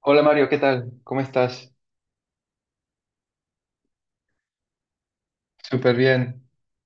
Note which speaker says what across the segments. Speaker 1: Hola Mario, ¿qué tal? ¿Cómo estás? Súper bien.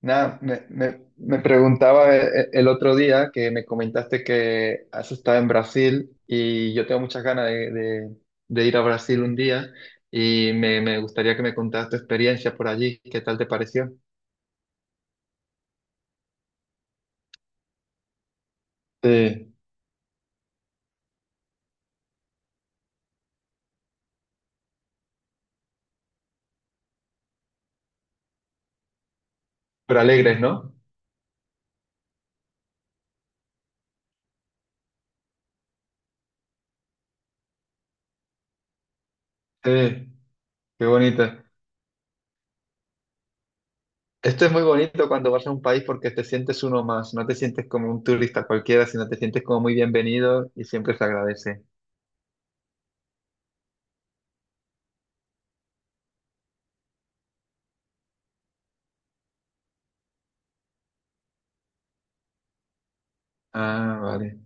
Speaker 1: Nada, me preguntaba el otro día que me comentaste que has estado en Brasil y yo tengo muchas ganas de ir a Brasil un día y me gustaría que me contaras tu experiencia por allí. ¿Qué tal te pareció? Sí, pero alegres, ¿no? Sí, qué bonito. Esto es muy bonito cuando vas a un país porque te sientes uno más, no te sientes como un turista cualquiera, sino te sientes como muy bienvenido y siempre se agradece. Ah, vale.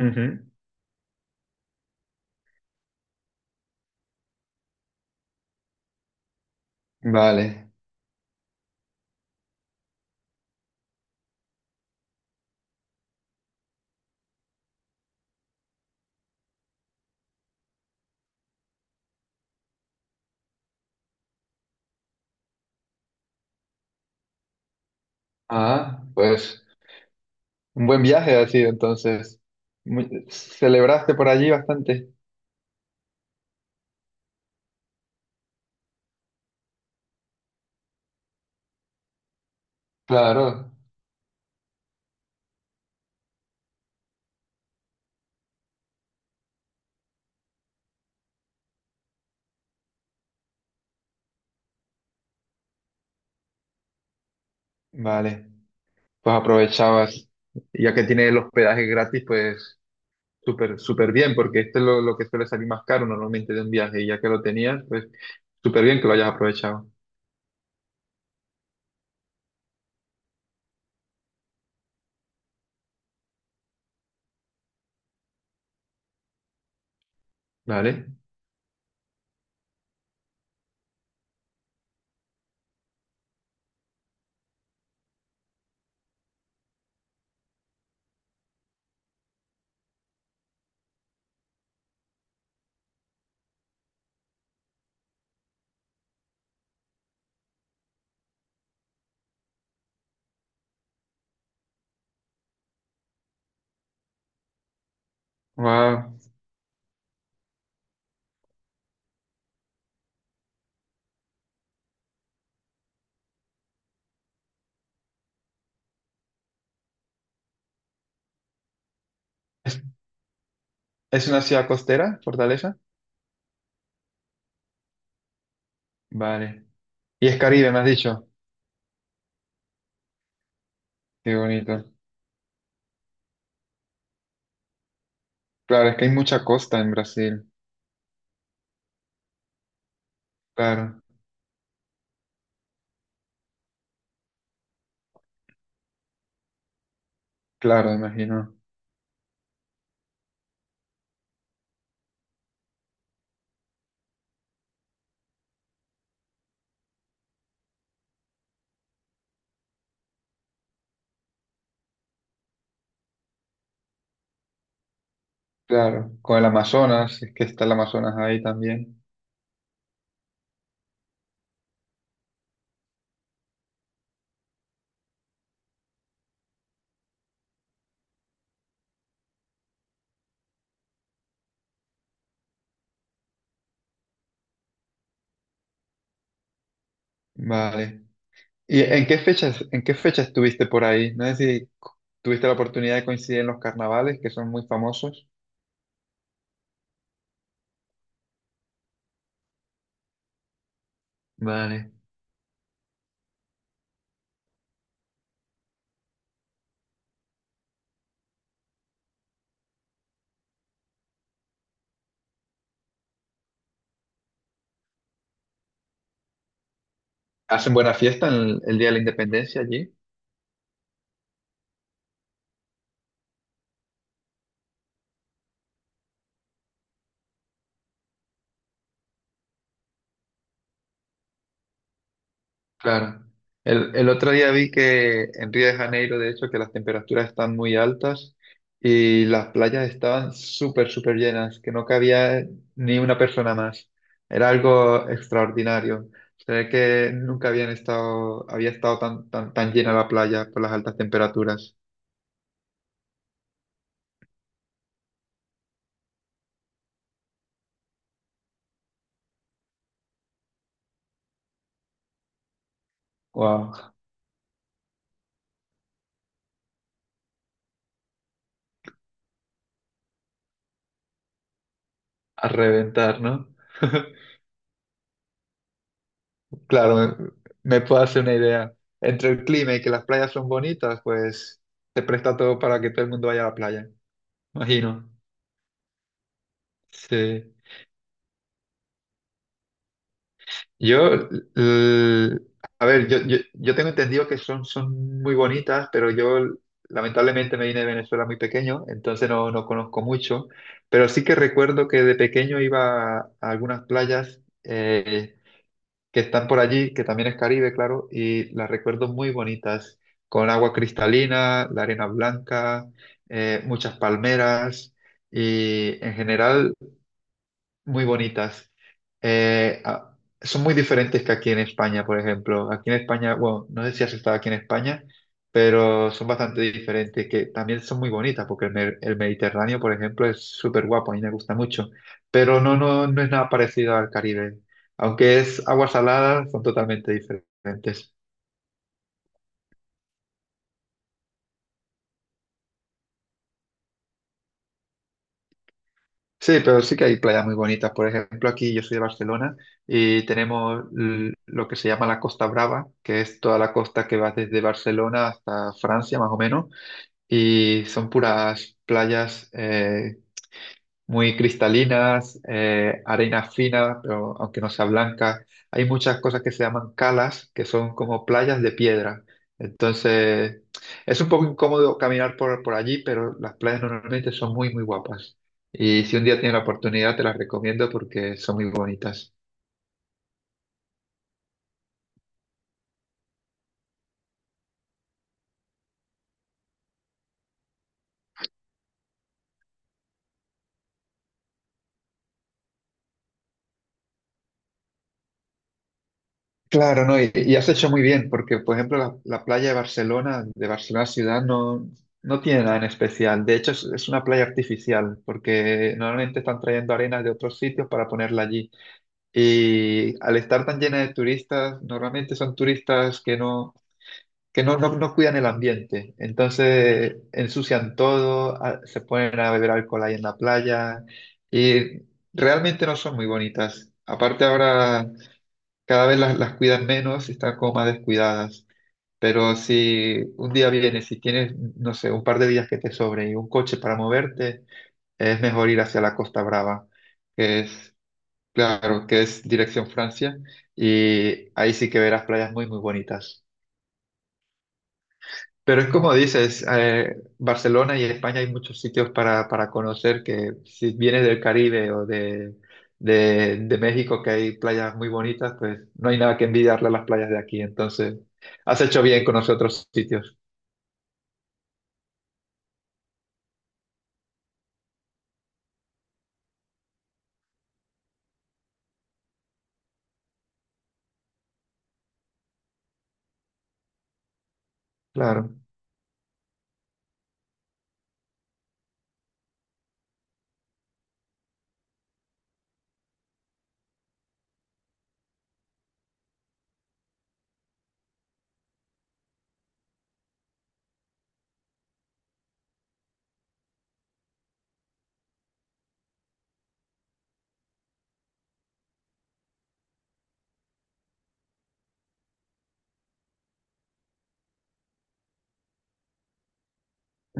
Speaker 1: Ujú. Vale. Ah, pues un buen viaje ha sido entonces. ¿Celebraste por allí bastante? Claro. Vale. Pues aprovechabas. Ya que tiene el hospedaje gratis, pues súper, súper bien, porque este es lo que suele salir más caro normalmente de un viaje. Y ya que lo tenías, pues súper bien que lo hayas aprovechado. Vale. Wow. ¿Es, ¿Es una ciudad costera, Fortaleza? Vale. Y es Caribe, me has dicho. Qué bonito. Claro, es que hay mucha costa en Brasil. Claro. Claro, imagino. Claro, con el Amazonas, si es que está el Amazonas ahí también. Vale. ¿En qué fecha estuviste por ahí? No sé si c- Tuviste la oportunidad de coincidir en los carnavales, que son muy famosos. Vale. ¿Hacen buena fiesta en el Día de la Independencia allí? Claro. El otro día vi que en Río de Janeiro, de hecho, que las temperaturas están muy altas y las playas estaban súper, súper llenas, que no cabía ni una persona más. Era algo extraordinario. Se ve que nunca habían estado, había estado tan llena la playa por las altas temperaturas. Wow, a reventar, ¿no? Claro, me puedo hacer una idea. Entre el clima y que las playas son bonitas, pues se presta todo para que todo el mundo vaya a la playa. Imagino. Sí. Yo, l- a ver, yo tengo entendido que son muy bonitas, pero yo lamentablemente me vine de Venezuela muy pequeño, entonces no conozco mucho, pero sí que recuerdo que de pequeño iba a algunas playas que están por allí, que también es Caribe, claro, y las recuerdo muy bonitas, con agua cristalina, la arena blanca, muchas palmeras, y en general muy bonitas. Son muy diferentes que aquí en España, por ejemplo. Aquí en España, bueno, no sé si has estado aquí en España, pero son bastante diferentes, que también son muy bonitas, porque el Mediterráneo, por ejemplo, es súper guapo, a mí me gusta mucho, pero no es nada parecido al Caribe. Aunque es agua salada, son totalmente diferentes. Sí, pero sí que hay playas muy bonitas. Por ejemplo, aquí yo soy de Barcelona y tenemos lo que se llama la Costa Brava, que es toda la costa que va desde Barcelona hasta Francia, más o menos, y son puras playas muy cristalinas, arena fina, pero aunque no sea blanca. Hay muchas cosas que se llaman calas, que son como playas de piedra. Entonces, es un poco incómodo caminar por allí, pero las playas normalmente son muy, muy guapas. Y si un día tienes la oportunidad, te las recomiendo porque son muy bonitas. Claro, no, y has hecho muy bien, porque por ejemplo la playa de Barcelona ciudad, no tiene nada en especial. De hecho, es una playa artificial, porque normalmente están trayendo arenas de otros sitios para ponerla allí. Y al estar tan llena de turistas, normalmente son turistas que no cuidan el ambiente. Entonces ensucian todo, se ponen a beber alcohol ahí en la playa y realmente no son muy bonitas. Aparte ahora cada vez las cuidan menos y están como más descuidadas. Pero si un día vienes y tienes, no sé, un par de días que te sobren y un coche para moverte, es mejor ir hacia la Costa Brava, que es, claro, que es dirección Francia, y ahí sí que verás playas muy, muy bonitas. Pero es como dices, Barcelona y España hay muchos sitios para conocer que si vienes del Caribe de México, que hay playas muy bonitas, pues no hay nada que envidiarle a las playas de aquí. Entonces, has hecho bien con otros sitios. Claro.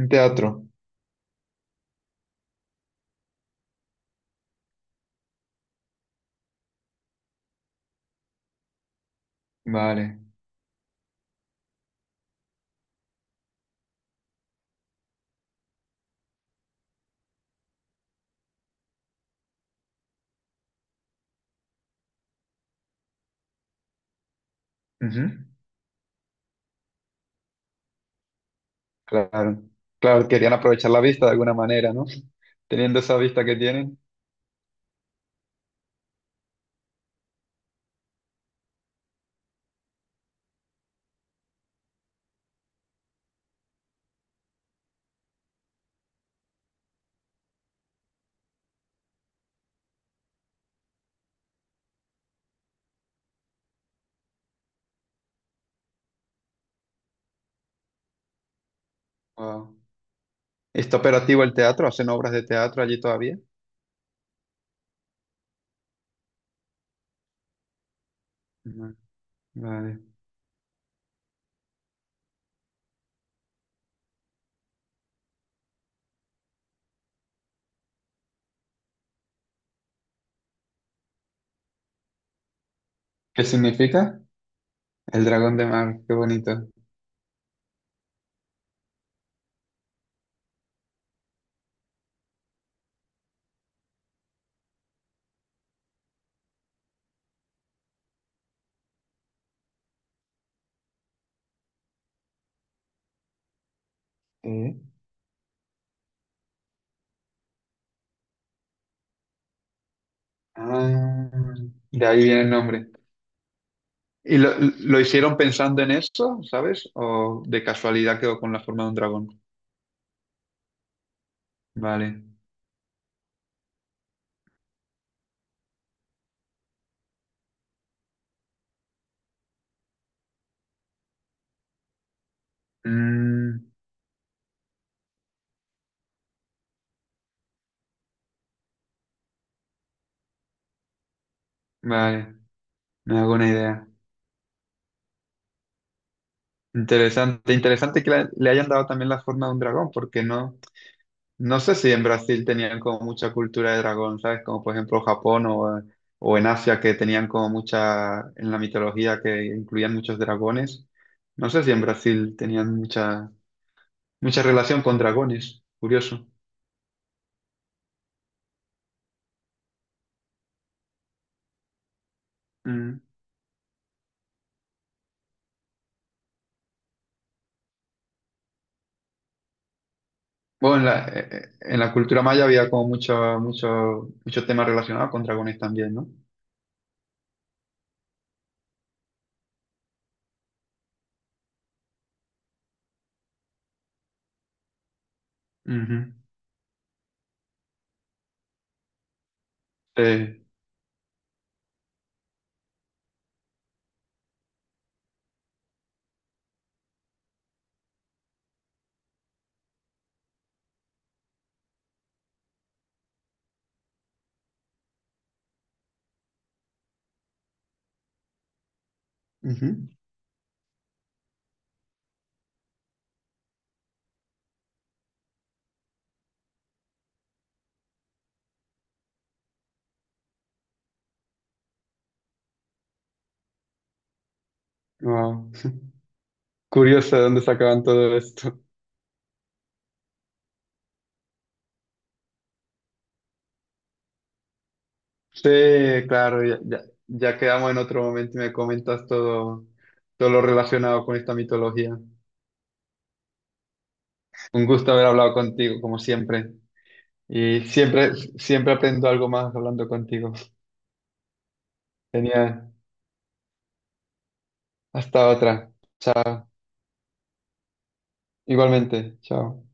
Speaker 1: Un teatro. Vale. Ujú. Claro. Claro, querían aprovechar la vista de alguna manera, ¿no? Teniendo esa vista que tienen. Wow. ¿Está operativo el teatro? ¿Hacen obras de teatro allí todavía? Ujú. Vale. ¿Qué significa? El dragón de mar, qué bonito. Eh, Ah, de ahí viene el nombre. ¿Y lo, ¿Lo hicieron pensando en eso, sabes? ¿O de casualidad quedó con la forma de un dragón? Vale. Mm, vale, me hago una idea. Interesante, interesante que le hayan dado también la forma de un dragón, porque no, no sé si en Brasil tenían como mucha cultura de dragón, ¿sabes? Como por ejemplo Japón o en Asia que tenían como mucha, en la mitología que incluían muchos dragones. No sé si en Brasil tenían mucha relación con dragones, curioso. Mm. Bueno, en la cultura maya había como muchos temas relacionados con dragones también, no. Ujú. Eh, ujú. Wow. Curioso de dónde sacaban todo esto. Sí, claro, ya quedamos en otro momento y me comentas todo lo relacionado con esta mitología. Un gusto haber hablado contigo, como siempre. Y siempre aprendo algo más hablando contigo. Genial. Hasta otra. Igualmente. Chao.